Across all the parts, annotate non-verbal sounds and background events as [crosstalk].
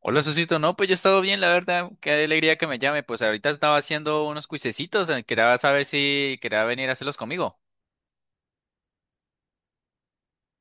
Hola, Susito. No, pues yo he estado bien, la verdad. Qué alegría que me llame. Pues ahorita estaba haciendo unos cuisecitos. Quería saber si quería venir a hacerlos conmigo.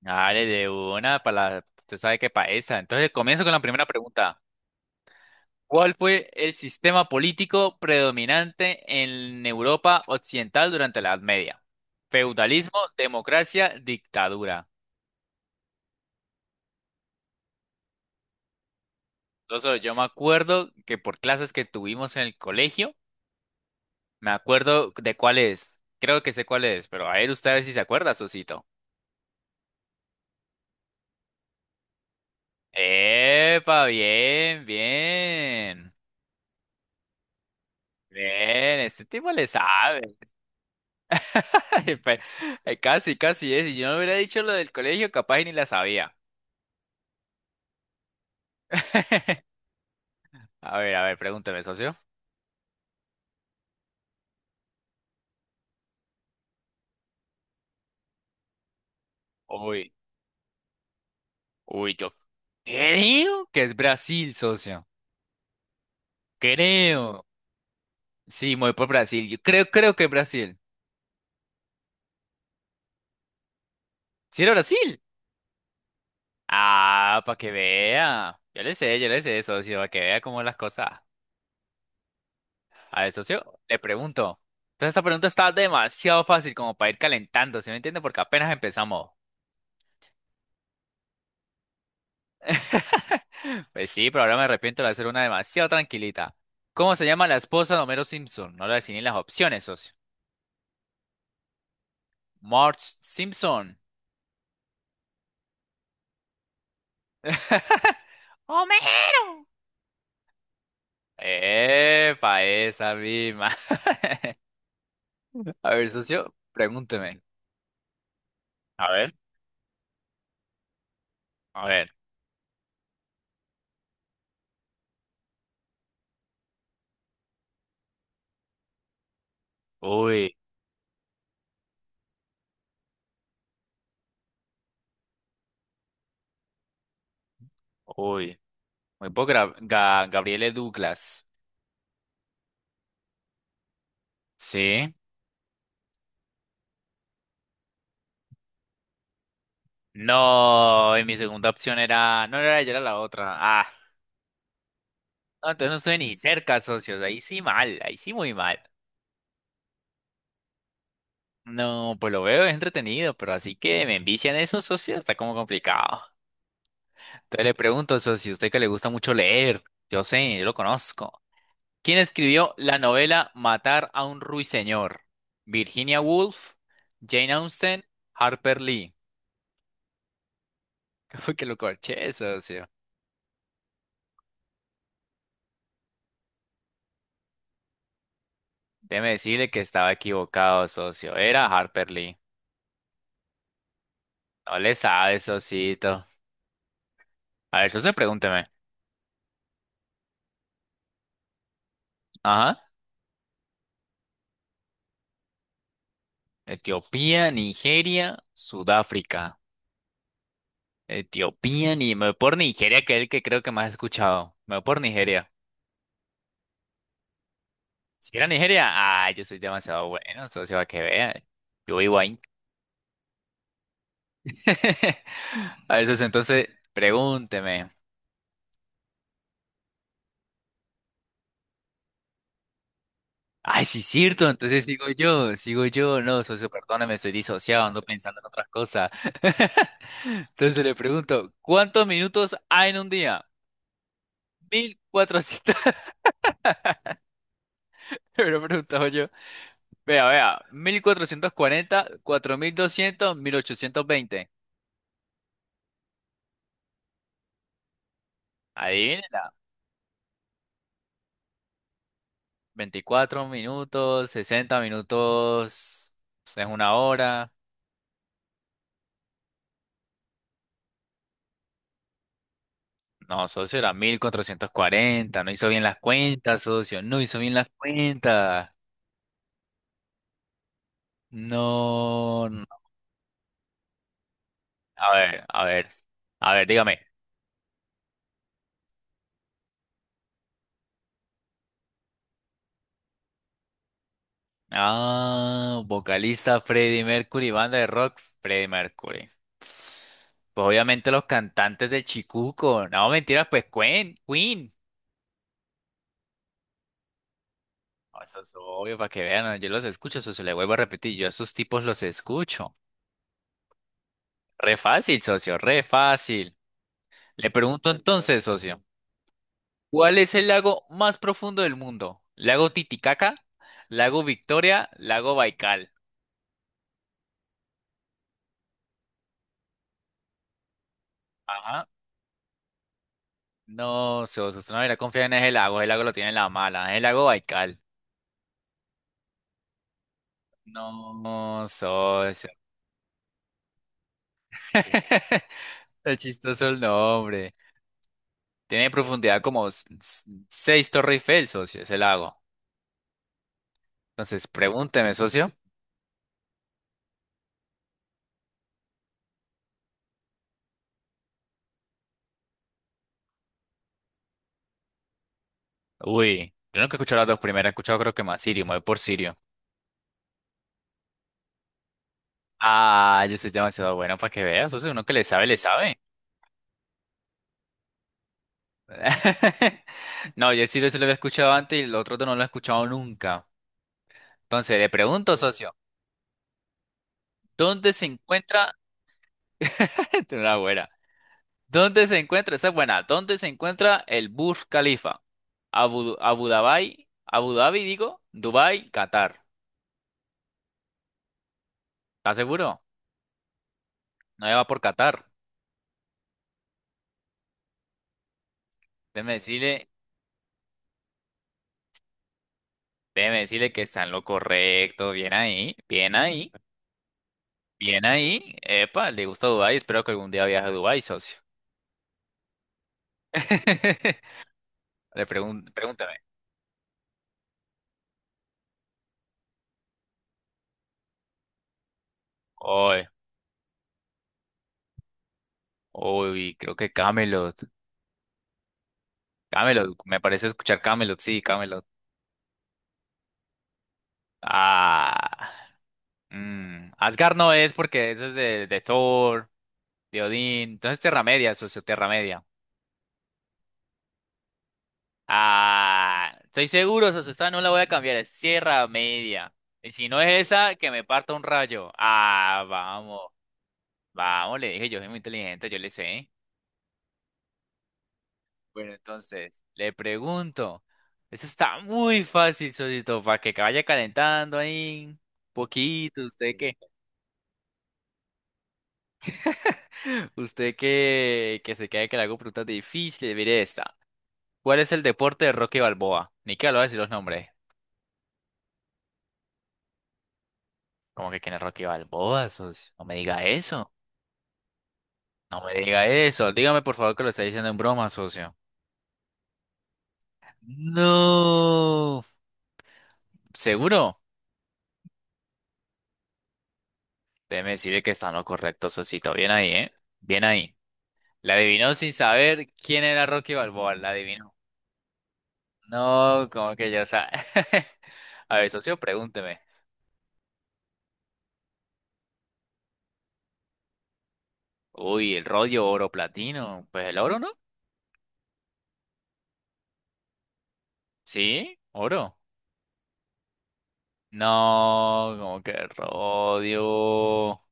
Dale, de una, para la... Usted sabe qué pa' esa. Entonces, comienzo con la primera pregunta. ¿Cuál fue el sistema político predominante en Europa Occidental durante la Edad Media? Feudalismo, democracia, dictadura. Entonces, yo me acuerdo que por clases que tuvimos en el colegio, me acuerdo de cuál es. Creo que sé cuál es, pero a ver, usted a ver si se acuerda, Susito. Epa, bien, bien. Bien, este tipo le sabe. [laughs] Ay, casi, casi es. Si yo no hubiera dicho lo del colegio, capaz y ni la sabía. [laughs] A ver, pregúntame, socio. Uy, uy, yo creo que es Brasil, socio. Creo. Sí, me voy por Brasil. Yo creo que es Brasil. ¿Sí era Brasil? Ah, para que vea. Yo le sé, socio, para que vea cómo las cosas. A ver, socio, le pregunto. Entonces, esta pregunta está demasiado fácil como para ir calentando, ¿sí me entiende? Porque apenas empezamos. [laughs] Pues sí, pero ahora me arrepiento de hacer una demasiado tranquilita. ¿Cómo se llama la esposa de Homero Simpson? No le voy a decir ni las opciones, socio. Marge Simpson. [laughs] ¡Homero! Epa, esa misma. [laughs] A ver, socio, pregúnteme. A ver. A ver. Uy, uy. Muy poco Gabriele Douglas. Sí. No, y mi segunda opción era. No, no era ella, era la otra. Ah, no, entonces no estoy ni cerca, socios. Ahí sí mal, ahí sí muy mal. No, pues lo veo, es entretenido, pero así que me envician eso, socios, está como complicado. Entonces le pregunto, socio, usted que le gusta mucho leer, yo sé, yo lo conozco. ¿Quién escribió la novela Matar a un ruiseñor? ¿Virginia Woolf, Jane Austen, Harper Lee? [laughs] Como que lo corché, socio. Déjeme decirle que estaba equivocado, socio. Era Harper Lee. No le sabe, Sosito. A ver, Soso, pregúnteme. Ajá. Etiopía, Nigeria, Sudáfrica. Etiopía, ni me voy por Nigeria, que es el que creo que más he escuchado. Me voy por Nigeria. Si era Nigeria, ah, yo soy demasiado bueno, socio, a que vea. Yo vivo ahí. [laughs] A ver, socio, entonces, pregúnteme. Ay, sí, es cierto, entonces sigo yo, sigo yo. No, socio, perdóname, estoy disociado, ando pensando en otras cosas. [laughs] Entonces le pregunto, ¿cuántos minutos hay en un día? 1400, [laughs] me lo preguntaba [laughs] yo. Vea, vea, mil cuatrocientos cuarenta 4200 1820. Adivínela, 24 minutos, 60 minutos, pues, es una hora. No, socio, era 1440, no hizo bien las cuentas, socio, no hizo bien las cuentas. No, no. A ver, a ver, a ver, dígame. Ah, vocalista Freddie Mercury, banda de rock Freddie Mercury. Pues obviamente los cantantes de Chicuco. No, mentiras, pues Queen, Queen. No, eso es obvio para que vean, yo los escucho, socio, le vuelvo a repetir, yo a esos tipos los escucho. Re fácil, socio, re fácil. Le pregunto entonces, socio, ¿cuál es el lago más profundo del mundo? ¿Lago Titicaca? ¿Lago Victoria? ¿Lago Baikal? Ajá. No, sos, usted no hubiera confiar en el lago lo tiene en la mala, el lago Baikal. No, socio. [laughs] Está chistoso el nombre. Tiene profundidad como seis Torre Eiffel, socio, ese lago. Entonces, pregúnteme, socio. Uy, yo nunca he escuchado las dos primeras, he escuchado creo que más Sirio, me voy por Sirio. Ah, yo soy demasiado bueno para que veas, socio, uno que le sabe, le sabe. [laughs] No, yo el Sirio se lo había escuchado antes y el otro no lo he escuchado nunca. Entonces, le pregunto, socio, ¿dónde se encuentra? [laughs] Esta es una buena. ¿Dónde se encuentra? Esta es buena. ¿Dónde se encuentra el Burj Khalifa? Dubai, Qatar. ¿Estás seguro? No va por Qatar. Déjeme decirle, déjeme decirle que está en lo correcto. Bien ahí, bien ahí, bien ahí. Epa, le gusta Dubai. Espero que algún día viaje a Dubai, socio. [laughs] Pregúntame. Uy, uy, creo que Camelot. Camelot, me parece escuchar Camelot, sí, Camelot. Ah. Mm, Asgard no es porque eso es de Thor, de Odín. Entonces Tierra Media, socio, Tierra Media. Ah, estoy seguro, socio, esta no la voy a cambiar, es Tierra Media. Y si no es esa, que me parta un rayo. Ah, vamos, vamos, le dije, yo soy muy inteligente, yo le sé. Bueno, entonces, le pregunto. Eso está muy fácil, socio, para que vaya calentando ahí. Poquito, usted que, [laughs] usted que se quede que le hago preguntas difíciles, mire esta. ¿Cuál es el deporte de Rocky Balboa? Ni que lo voy a decir los nombres. ¿Cómo que quién es Rocky Balboa, socio? No me diga eso. No me diga eso. Dígame por favor que lo está diciendo en broma, socio. No. ¿Seguro? Déjeme decirle que está en lo correcto, socito. Bien ahí, ¿eh? Bien ahí. La adivinó sin saber quién era Rocky Balboa. La adivinó. No, como que ya sabe. [laughs] A ver, socio, pregúnteme. Uy, el rollo oro platino. Pues el oro, ¿no? Sí, oro. No, como que Rodio.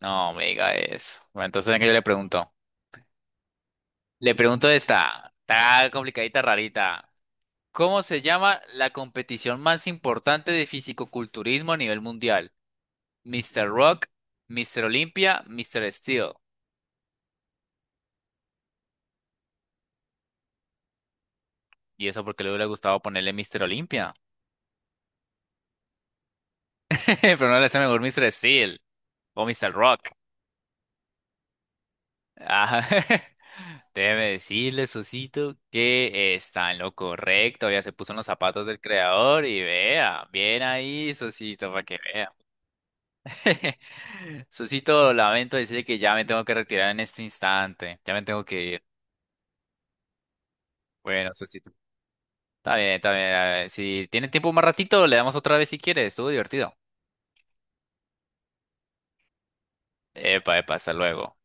No me diga eso. Bueno, entonces venga, yo le pregunto. Le pregunto esta. Está complicadita, rarita. ¿Cómo se llama la competición más importante de fisicoculturismo a nivel mundial? Mister Rock, Mister Olympia, Mister Steel. Y eso porque le hubiera gustado ponerle Mister Olympia. [laughs] Pero no le hace mejor Mister Steel o Mister Rock. Ah, [laughs] déjeme decirle, Sosito, que está en lo correcto. Ya se puso en los zapatos del creador y vea, bien ahí, Sosito, para que vea. [laughs] Sosito, lamento decirle que ya me tengo que retirar en este instante. Ya me tengo que ir. Bueno, Sosito. Está bien, está bien. A ver, si tiene tiempo más ratito, le damos otra vez si quiere. Estuvo divertido. Epa, epa, hasta luego.